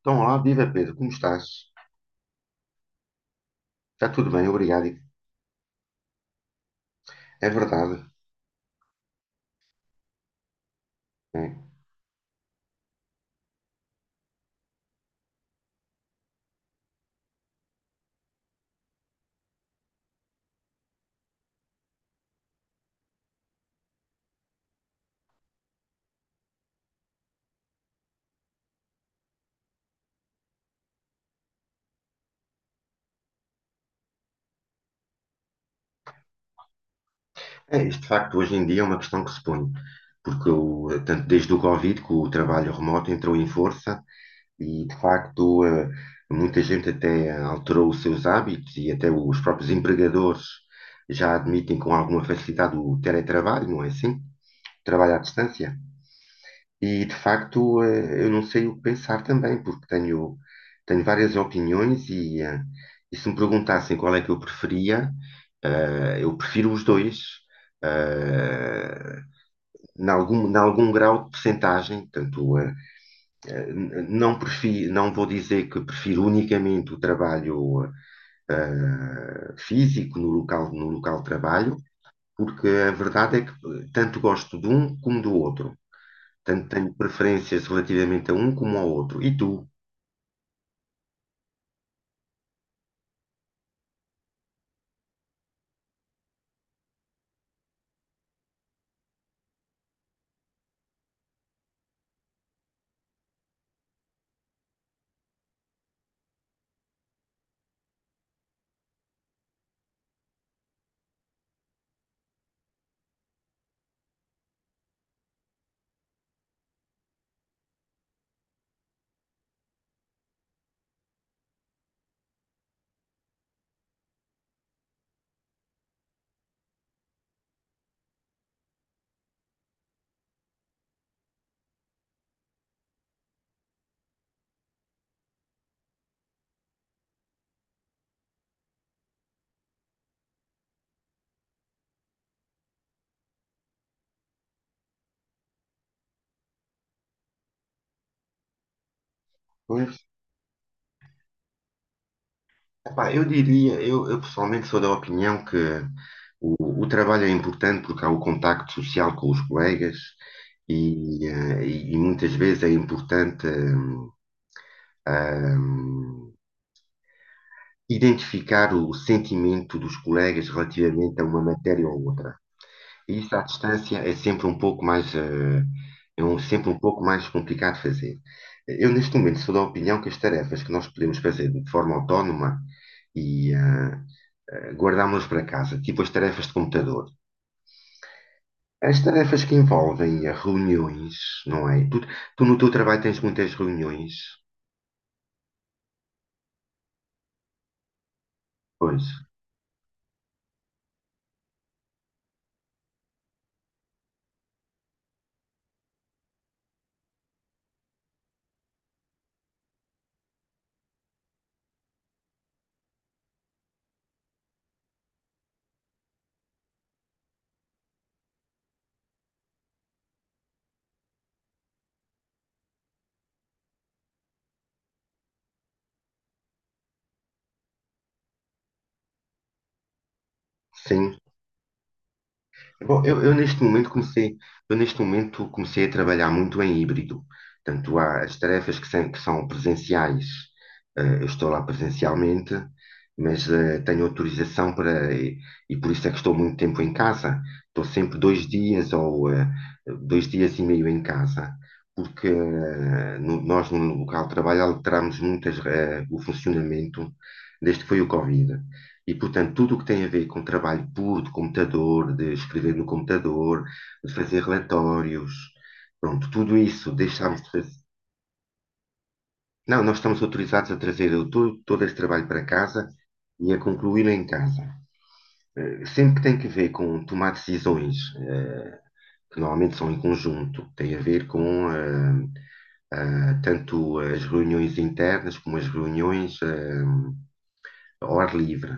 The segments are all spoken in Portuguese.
Então, olá, viva Pedro, como estás? Está tudo bem, obrigado. É verdade. É, É, isto de facto hoje em dia é uma questão que se põe, porque tanto desde o Covid que o trabalho remoto entrou em força e de facto muita gente até alterou os seus hábitos e até os próprios empregadores já admitem com alguma facilidade o teletrabalho, não é assim? Trabalho à distância. E de facto, eu não sei o que pensar também, porque tenho várias opiniões e e se me perguntassem qual é que eu preferia, eu prefiro os dois, eh, em algum grau de percentagem, tanto, eh, eh, n- não prefiro, não vou dizer que prefiro unicamente o trabalho físico no local de trabalho, porque a verdade é que tanto gosto de um como do outro. Tanto tenho preferências relativamente a um como ao outro. E tu? Pois. Epá, eu diria, eu pessoalmente sou da opinião que o trabalho é importante porque há o contacto social com os colegas e muitas vezes é importante hum, identificar o sentimento dos colegas relativamente a uma matéria ou outra. Isso à distância é sempre um pouco mais, sempre um pouco mais complicado de fazer. Eu, neste momento, sou da opinião que as tarefas que nós podemos fazer de forma autónoma e eh, guardámos-las para casa, tipo as tarefas de computador. As tarefas que envolvem reuniões, não é? Tu no teu trabalho tens muitas reuniões. Pois, sim. Bom, eu neste momento comecei a trabalhar muito em híbrido. Portanto, há as tarefas que são presenciais, eu estou lá presencialmente, mas tenho autorização e por isso é que estou muito tempo em casa. Estou sempre dois dias ou dois dias e meio em casa, porque nós no local de trabalho alterámos muito o funcionamento desde que foi o Covid. E, portanto, tudo o que tem a ver com trabalho puro de computador, de escrever no computador, de fazer relatórios, pronto, tudo isso deixámos de não, nós estamos autorizados a trazer todo este trabalho para casa e a concluí-lo em casa. Sempre que tem que ver com tomar decisões, que normalmente são em conjunto, tem a ver com tanto as reuniões internas como as reuniões ao ar livre.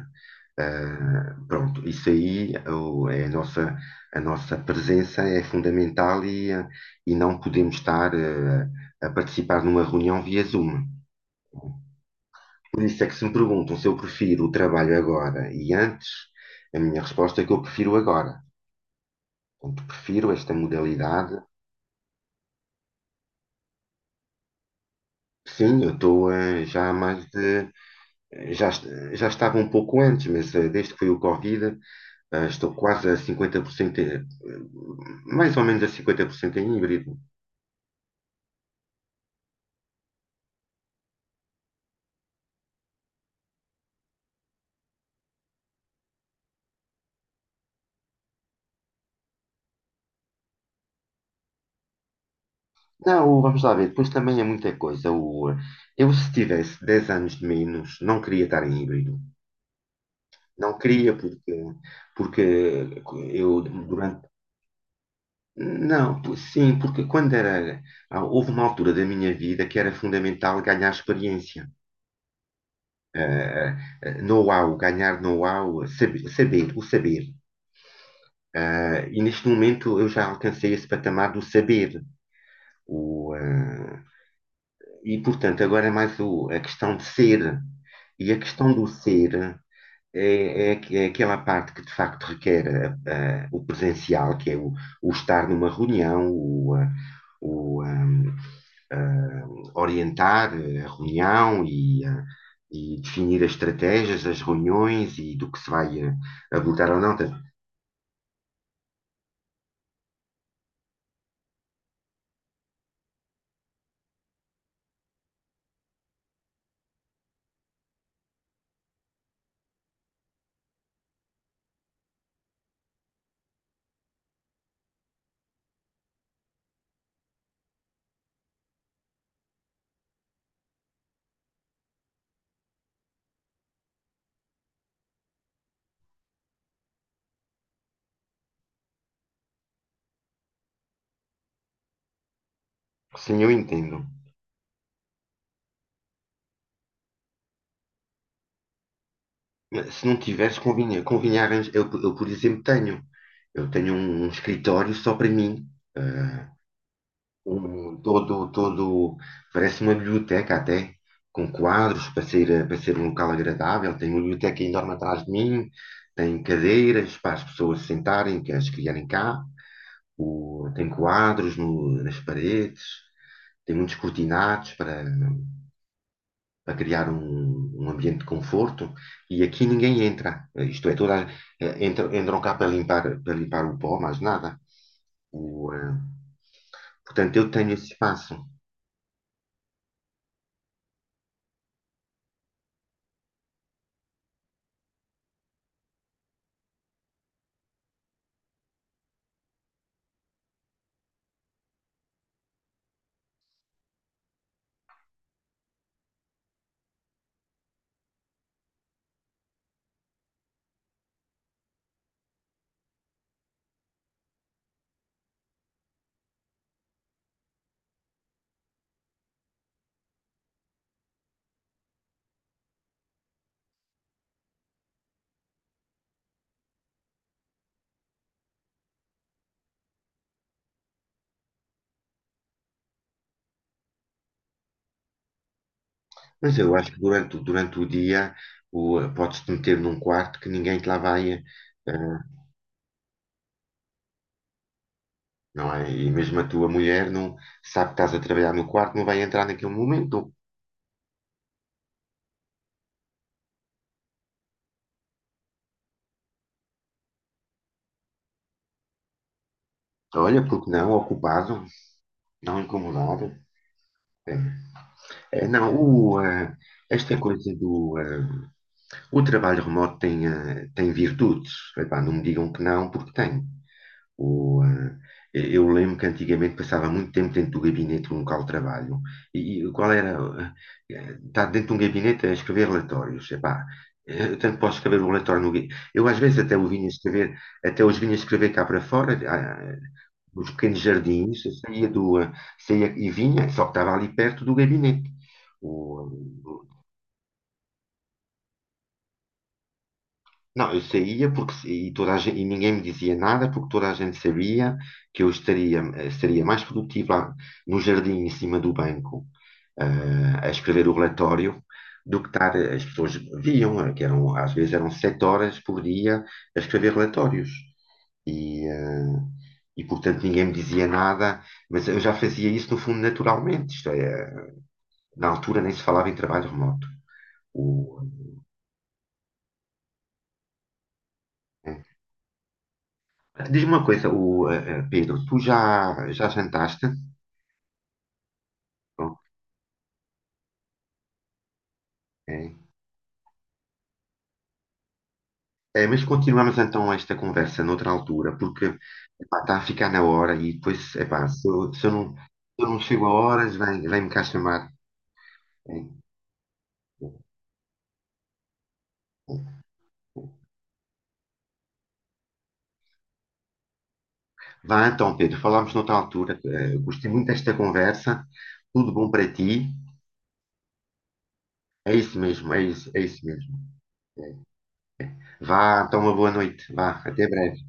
Pronto, isso aí é a nossa presença é fundamental e não podemos estar a participar numa reunião via Zoom. Por isso é que se me perguntam se eu prefiro o trabalho agora e antes, a minha resposta é que eu prefiro agora. Portanto, prefiro esta modalidade. Sim, eu estou, já há mais de. Já, est- já estava um pouco antes, mas desde que foi o Covid, estou quase a 50%, mais ou menos a 50% em híbrido. Não, vamos lá ver, depois também é muita coisa. Eu, se tivesse 10 anos de menos, não queria estar em híbrido. Não queria, porque, porque eu durante. Não, sim, porque quando era. Houve uma altura da minha vida que era fundamental ganhar experiência. Ah, Know-how, ganhar know-how, saber, saber, o saber. E neste momento eu já alcancei esse patamar do saber. O, ah, e portanto, agora é mais a questão de ser. E a questão do ser. É, é, é aquela parte que de facto requer o presencial, que é o estar numa reunião, o, ah, orientar a reunião e definir as estratégias, as reuniões e do que se vai abordar ou não. Portanto, sim, eu entendo. Se não tiveres, convinha, convinha Eu, por exemplo, tenho. Eu tenho um escritório só para mim. eh, um, todo, todo, Parece uma biblioteca até, com quadros para ser um local agradável. Tem uma biblioteca enorme atrás de mim, tem cadeiras para as pessoas se sentarem, que as criarem cá, tem quadros nas paredes, tem muitos cortinados para criar um ambiente de conforto. E aqui ninguém entra, isto é, toda, a- eh, entram, entram cá para limpar o pó, mais nada. O, eh, Portanto, eu tenho esse espaço. Mas eu acho que durante, durante o dia podes-te meter num quarto que ninguém te lá vai, não é? E mesmo a tua mulher não sabe que estás a trabalhar no quarto, não vai entrar naquele momento. Olha, porque não, ocupado, não incomodado. É, não, esta coisa o trabalho remoto tem, tem virtudes. Epá, não me digam que não, porque tem. O, ah, eu lembro que antigamente passava muito tempo dentro do gabinete no local de trabalho. E qual era? Estar dentro de um gabinete a escrever relatórios. Epá, eu tanto posso escrever o relatório no. gui- Eu às vezes até o vinha escrever, até os vinha escrever cá para fora, nos pequenos jardins, eu saía e vinha, só que estava ali perto do gabinete. O- não, eu saía porque e toda a gente, e ninguém me dizia nada porque toda a gente sabia que eu estaria, seria mais produtivo lá no jardim em cima do banco a escrever o relatório do que estar, as pessoas viam, que eram, às vezes eram 7 horas por dia a escrever relatórios. E, eh, e portanto ninguém me dizia nada, mas eu já fazia isso no fundo naturalmente. Isto é, na altura nem se falava em trabalho remoto. O, É. Diz-me uma coisa, Pedro, tu já jantaste? Bom, é. É, mas continuamos então esta conversa noutra altura, porque epá, está a ficar na hora e depois, epá, se eu não chego a horas, vem, vem-me cá chamar. É. Vá então, Pedro, falamos noutra altura. Eh, gostei muito desta conversa. Tudo bom para ti? É isso mesmo, é isso mesmo. É. Vá, então, uma boa noite. Vá, até breve.